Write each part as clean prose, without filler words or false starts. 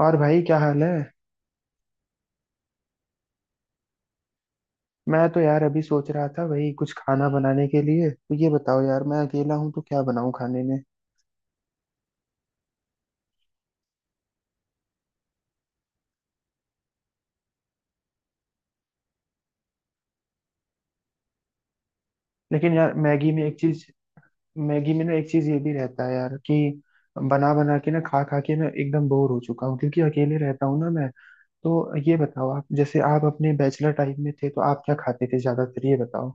और भाई क्या हाल है? मैं तो यार अभी सोच रहा था वही कुछ खाना बनाने के लिए। तो ये बताओ यार, मैं अकेला हूँ तो क्या बनाऊँ खाने में? लेकिन यार मैगी में ना एक चीज ये भी रहता है यार कि बना बना के ना, खा खा के मैं एकदम बोर हो चुका हूँ, क्योंकि अकेले रहता हूँ ना मैं। तो ये बताओ, आप जैसे आप अपने बैचलर टाइम में थे तो आप क्या खाते थे ज्यादातर, ये बताओ।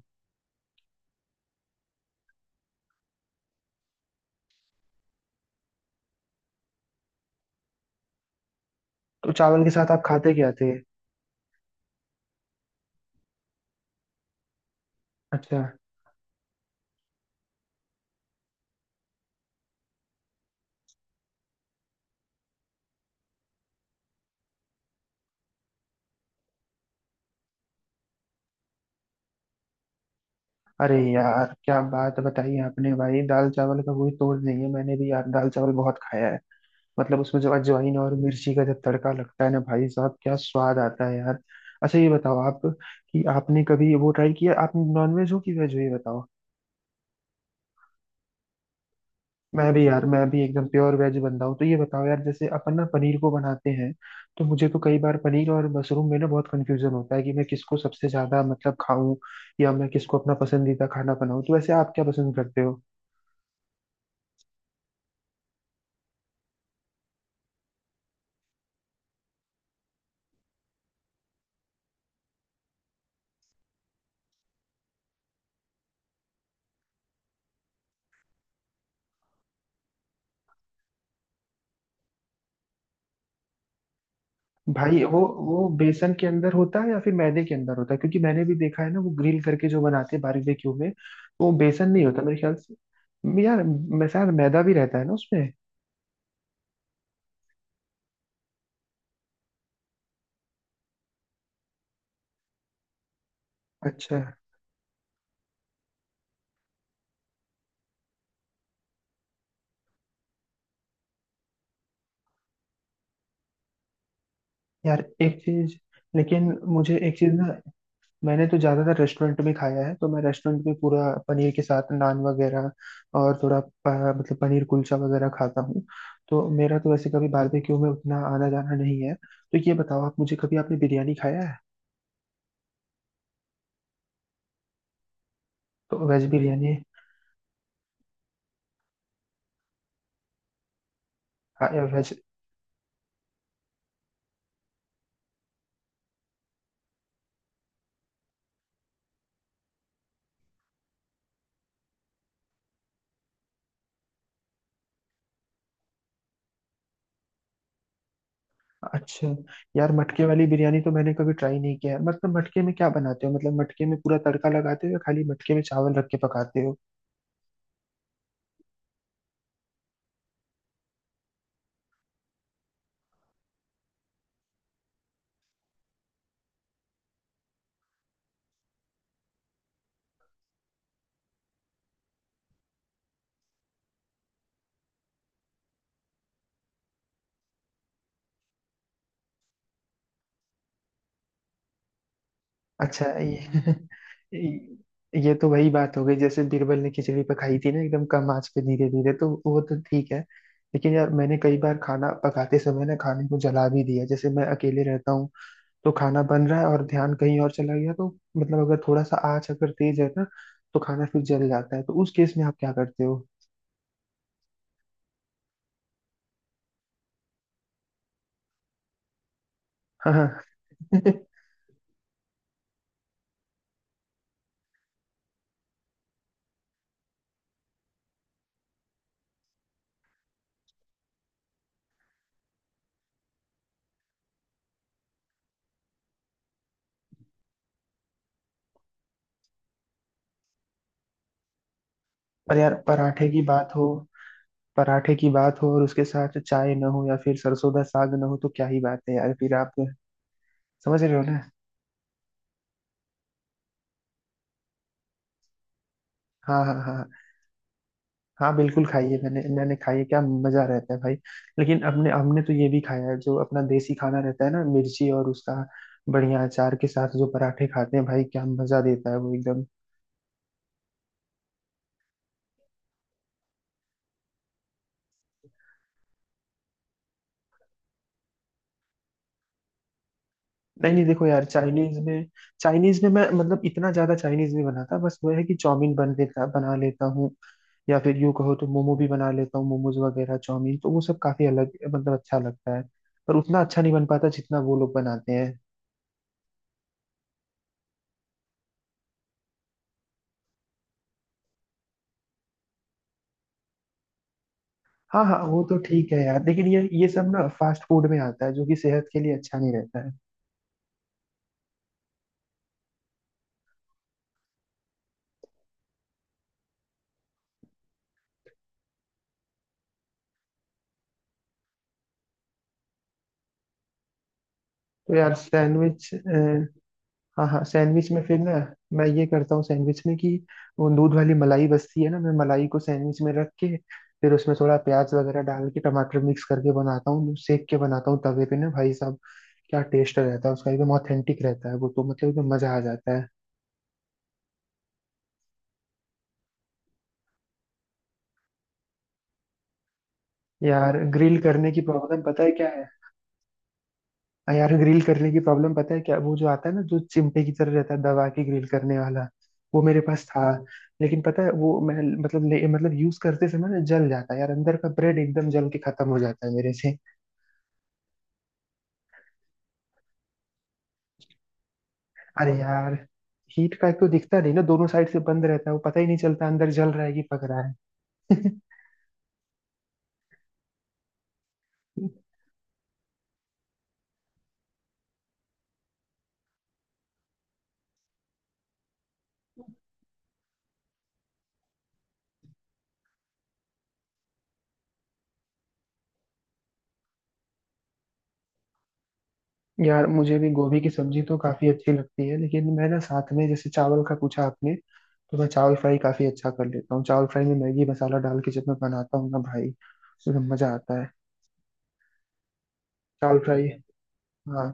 तो चावल के साथ आप खाते क्या थे? अच्छा। अरे यार क्या बात बताई आपने, भाई दाल चावल का कोई तोड़ नहीं है। मैंने भी यार दाल चावल बहुत खाया है। मतलब उसमें जब अजवाइन और मिर्ची का जब तड़का लगता है ना भाई साहब, क्या स्वाद आता है यार। अच्छा, ये बताओ आप कि आपने कभी वो ट्राई किया, आप नॉनवेज हो कि वेज हो, ये बताओ। मैं भी यार, मैं भी एकदम प्योर वेज बंदा हूँ। तो ये बताओ यार, जैसे अपन ना पनीर को बनाते हैं, तो मुझे तो कई बार पनीर और मशरूम में ना बहुत कंफ्यूजन होता है कि मैं किसको सबसे ज्यादा मतलब खाऊं, या मैं किसको अपना पसंदीदा खाना बनाऊं। तो वैसे आप क्या पसंद करते हो? भाई वो बेसन के अंदर होता है या फिर मैदे के अंदर होता है, क्योंकि मैंने भी देखा है ना, वो ग्रिल करके जो बनाते हैं बारबेक्यू में, वो बेसन नहीं होता मेरे ख्याल से। यार मैं शायद मैदा भी रहता है ना उसमें। अच्छा। यार एक चीज लेकिन मुझे एक चीज ना, मैंने तो ज्यादातर रेस्टोरेंट में खाया है, तो मैं रेस्टोरेंट में पूरा पनीर के साथ नान वगैरह और थोड़ा मतलब पनीर कुलचा वगैरह खाता हूँ। तो मेरा तो वैसे कभी बारबेक्यू में उतना आना जाना नहीं है। तो ये बताओ आप, मुझे कभी, आपने बिरयानी खाया है? तो वेज बिरयानी। हाँ, या वैसे। अच्छा यार, मटके वाली बिरयानी तो मैंने कभी ट्राई नहीं किया है। मतलब मटके में क्या बनाते हो, मतलब मटके में पूरा तड़का लगाते हो या खाली मटके में चावल रख के पकाते हो? अच्छा ये ये तो वही बात हो गई जैसे बीरबल ने खिचड़ी पकाई थी ना, एकदम कम आंच पे धीरे धीरे। तो वो तो ठीक है, लेकिन यार मैंने कई बार खाना पकाते समय ना खाने को जला भी दिया। जैसे मैं अकेले रहता हूँ, तो खाना बन रहा है और ध्यान कहीं और चला गया, तो मतलब अगर थोड़ा सा आंच अगर तेज है ना, तो खाना फिर जल जाता है। तो उस केस में आप क्या करते हो? पर यार, पराठे की बात हो और उसके साथ चाय ना हो या फिर सरसों का साग ना हो, तो क्या ही बात है यार फिर। आप समझ रहे हो ना? हाँ, हाँ, हाँ, हाँ, बिल्कुल, खाइए। मैंने मैंने खाई है, क्या मजा रहता है भाई। लेकिन अपने, हमने तो ये भी खाया है जो अपना देसी खाना रहता है ना, मिर्ची और उसका बढ़िया अचार के साथ जो पराठे खाते हैं, भाई क्या मजा देता है वो, एकदम। नहीं नहीं, देखो यार चाइनीज में मैं, मतलब इतना ज्यादा चाइनीज नहीं बनाता, बस वो है कि चाउमीन बन लेता बना लेता हूँ। या फिर यूं कहो तो मोमो भी बना लेता हूँ, मोमोज वगैरह, चाउमीन, तो वो सब काफी अलग मतलब अच्छा लगता है, पर उतना अच्छा नहीं बन पाता जितना वो लोग बनाते हैं। हाँ हाँ वो तो ठीक है यार, लेकिन ये सब ना फास्ट फूड में आता है, जो कि सेहत के लिए अच्छा नहीं रहता है। तो यार सैंडविच, हाँ हाँ, सैंडविच में फिर ना, मैं ये करता हूँ सैंडविच में कि वो दूध वाली मलाई बस्ती है ना, मैं मलाई को सैंडविच में रख के फिर उसमें थोड़ा प्याज वगैरह डाल के टमाटर मिक्स करके बनाता हूँ, सेक के बनाता हूँ तवे पे ना भाई साहब, क्या टेस्ट रहता है उसका, एकदम ऑथेंटिक रहता है वो, तो मतलब एकदम मजा आ जाता है। यार ग्रिल करने की प्रॉब्लम पता है क्या? हाँ, यार ग्रिल करने की प्रॉब्लम पता है क्या? वो जो आता है ना, जो चिमटे की तरह रहता है, दबा के ग्रिल करने वाला, वो मेरे पास था। लेकिन पता है, वो मैं मतलब यूज करते समय ना जल जाता है यार, अंदर का ब्रेड एकदम जल के खत्म हो जाता है मेरे से। अरे यार, हीट का एक तो दिखता नहीं ना, दोनों साइड से बंद रहता है, वो पता ही नहीं चलता अंदर जल रहा है कि पक रहा है। यार मुझे भी गोभी की सब्जी तो काफी अच्छी लगती है, लेकिन मैं ना, साथ में जैसे चावल का पूछा आपने, तो मैं चावल फ्राई काफी अच्छा कर लेता हूँ। चावल फ्राई में मैगी मसाला डाल के जब मैं बनाता हूँ ना भाई, एकदम मजा आता है। चावल फ्राई। हाँ।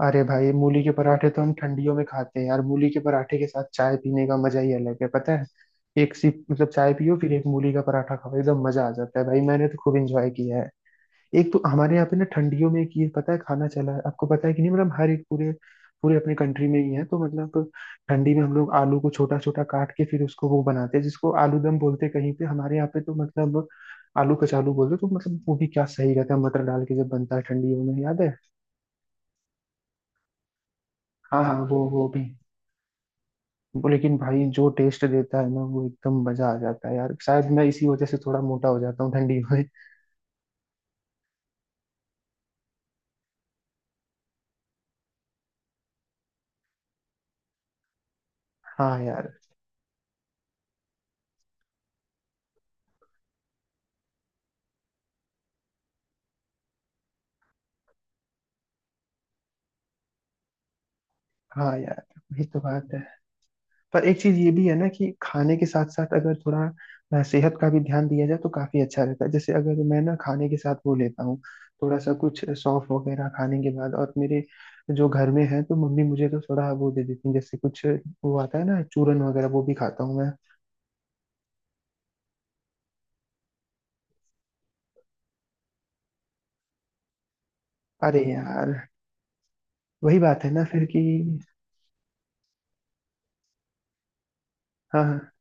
अरे भाई, मूली के पराठे तो हम ठंडियों में खाते हैं यार। मूली के पराठे के साथ चाय पीने का मजा ही अलग है, पता है। एक सिप मतलब चाय पियो, फिर एक मूली का पराठा खाओ, एकदम मजा आ जाता है भाई, मैंने तो खूब इंजॉय किया है। एक तो हमारे यहाँ पे ना ठंडियों में एक ये पता है खाना चला है, आपको पता है कि नहीं? मतलब हर एक, पूरे पूरे अपने कंट्री में ही है। तो मतलब ठंडी में हम लोग आलू को छोटा छोटा काट के फिर उसको वो बनाते हैं जिसको आलू दम बोलते हैं, कहीं पे, हमारे यहाँ पे तो मतलब आलू कचालू बोलते हैं। तो मतलब वो भी क्या सही रहता है, मटर डाल के जब बनता है ठंडियों में, याद है। हाँ हाँ, वो भी, वो, लेकिन भाई जो टेस्ट देता है ना वो, एकदम मजा आ जाता है यार, शायद मैं इसी वजह से थोड़ा मोटा हो जाता हूँ ठंडी में। हाँ यार, हाँ यार, वही तो बात है। पर एक चीज ये भी है ना कि खाने के साथ साथ अगर थोड़ा सेहत का भी ध्यान दिया जाए, तो काफी अच्छा रहता है। जैसे अगर मैं ना खाने के साथ वो लेता हूँ, थोड़ा सा कुछ सौंफ वगैरह खाने के बाद, और मेरे जो घर में है तो मम्मी मुझे तो थोड़ा वो दे देती है, जैसे कुछ वो आता है ना चूरन वगैरह, वो भी खाता हूँ मैं। अरे यार, वही बात है ना फिर कि, हाँ हाँ।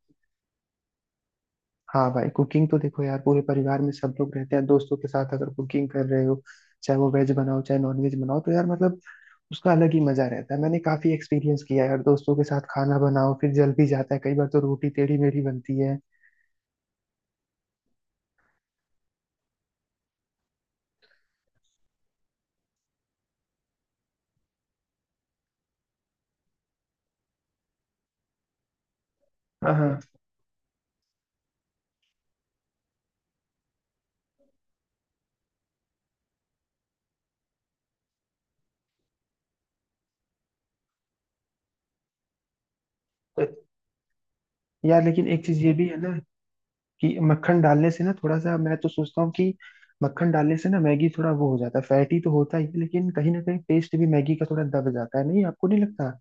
हाँ भाई, कुकिंग तो देखो यार, पूरे परिवार में सब लोग रहते हैं, दोस्तों के साथ अगर कुकिंग कर रहे हो, चाहे वो वेज बनाओ चाहे नॉन वेज बनाओ, तो यार मतलब उसका अलग ही मजा रहता है। मैंने काफी एक्सपीरियंस किया है यार, दोस्तों के साथ खाना बनाओ, फिर जल भी जाता है कई बार, तो रोटी टेढ़ी मेढ़ी बनती है। हाँ हाँ। तो यार, लेकिन एक चीज ये भी है ना कि मक्खन डालने से ना थोड़ा सा, मैं तो सोचता हूँ कि मक्खन डालने से ना मैगी थोड़ा वो हो जाता है, फैटी तो होता ही है, लेकिन कहीं ना कहीं टेस्ट भी मैगी का थोड़ा दब जाता है, नहीं? आपको नहीं लगता?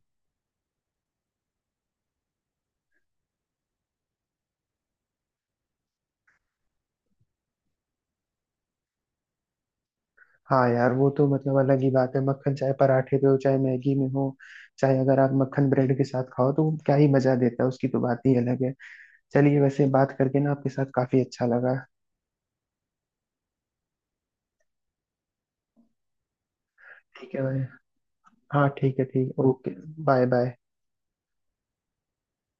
हाँ यार, वो तो मतलब अलग ही बात है, मक्खन चाहे पराठे पे हो, चाहे मैगी में हो, चाहे अगर आप मक्खन ब्रेड के साथ खाओ, तो क्या ही मजा देता है, उसकी तो बात ही अलग है। चलिए, वैसे बात करके ना आपके साथ काफी अच्छा लगा। ठीक है भाई। हाँ ठीक है, ठीक, ओके। Bye bye.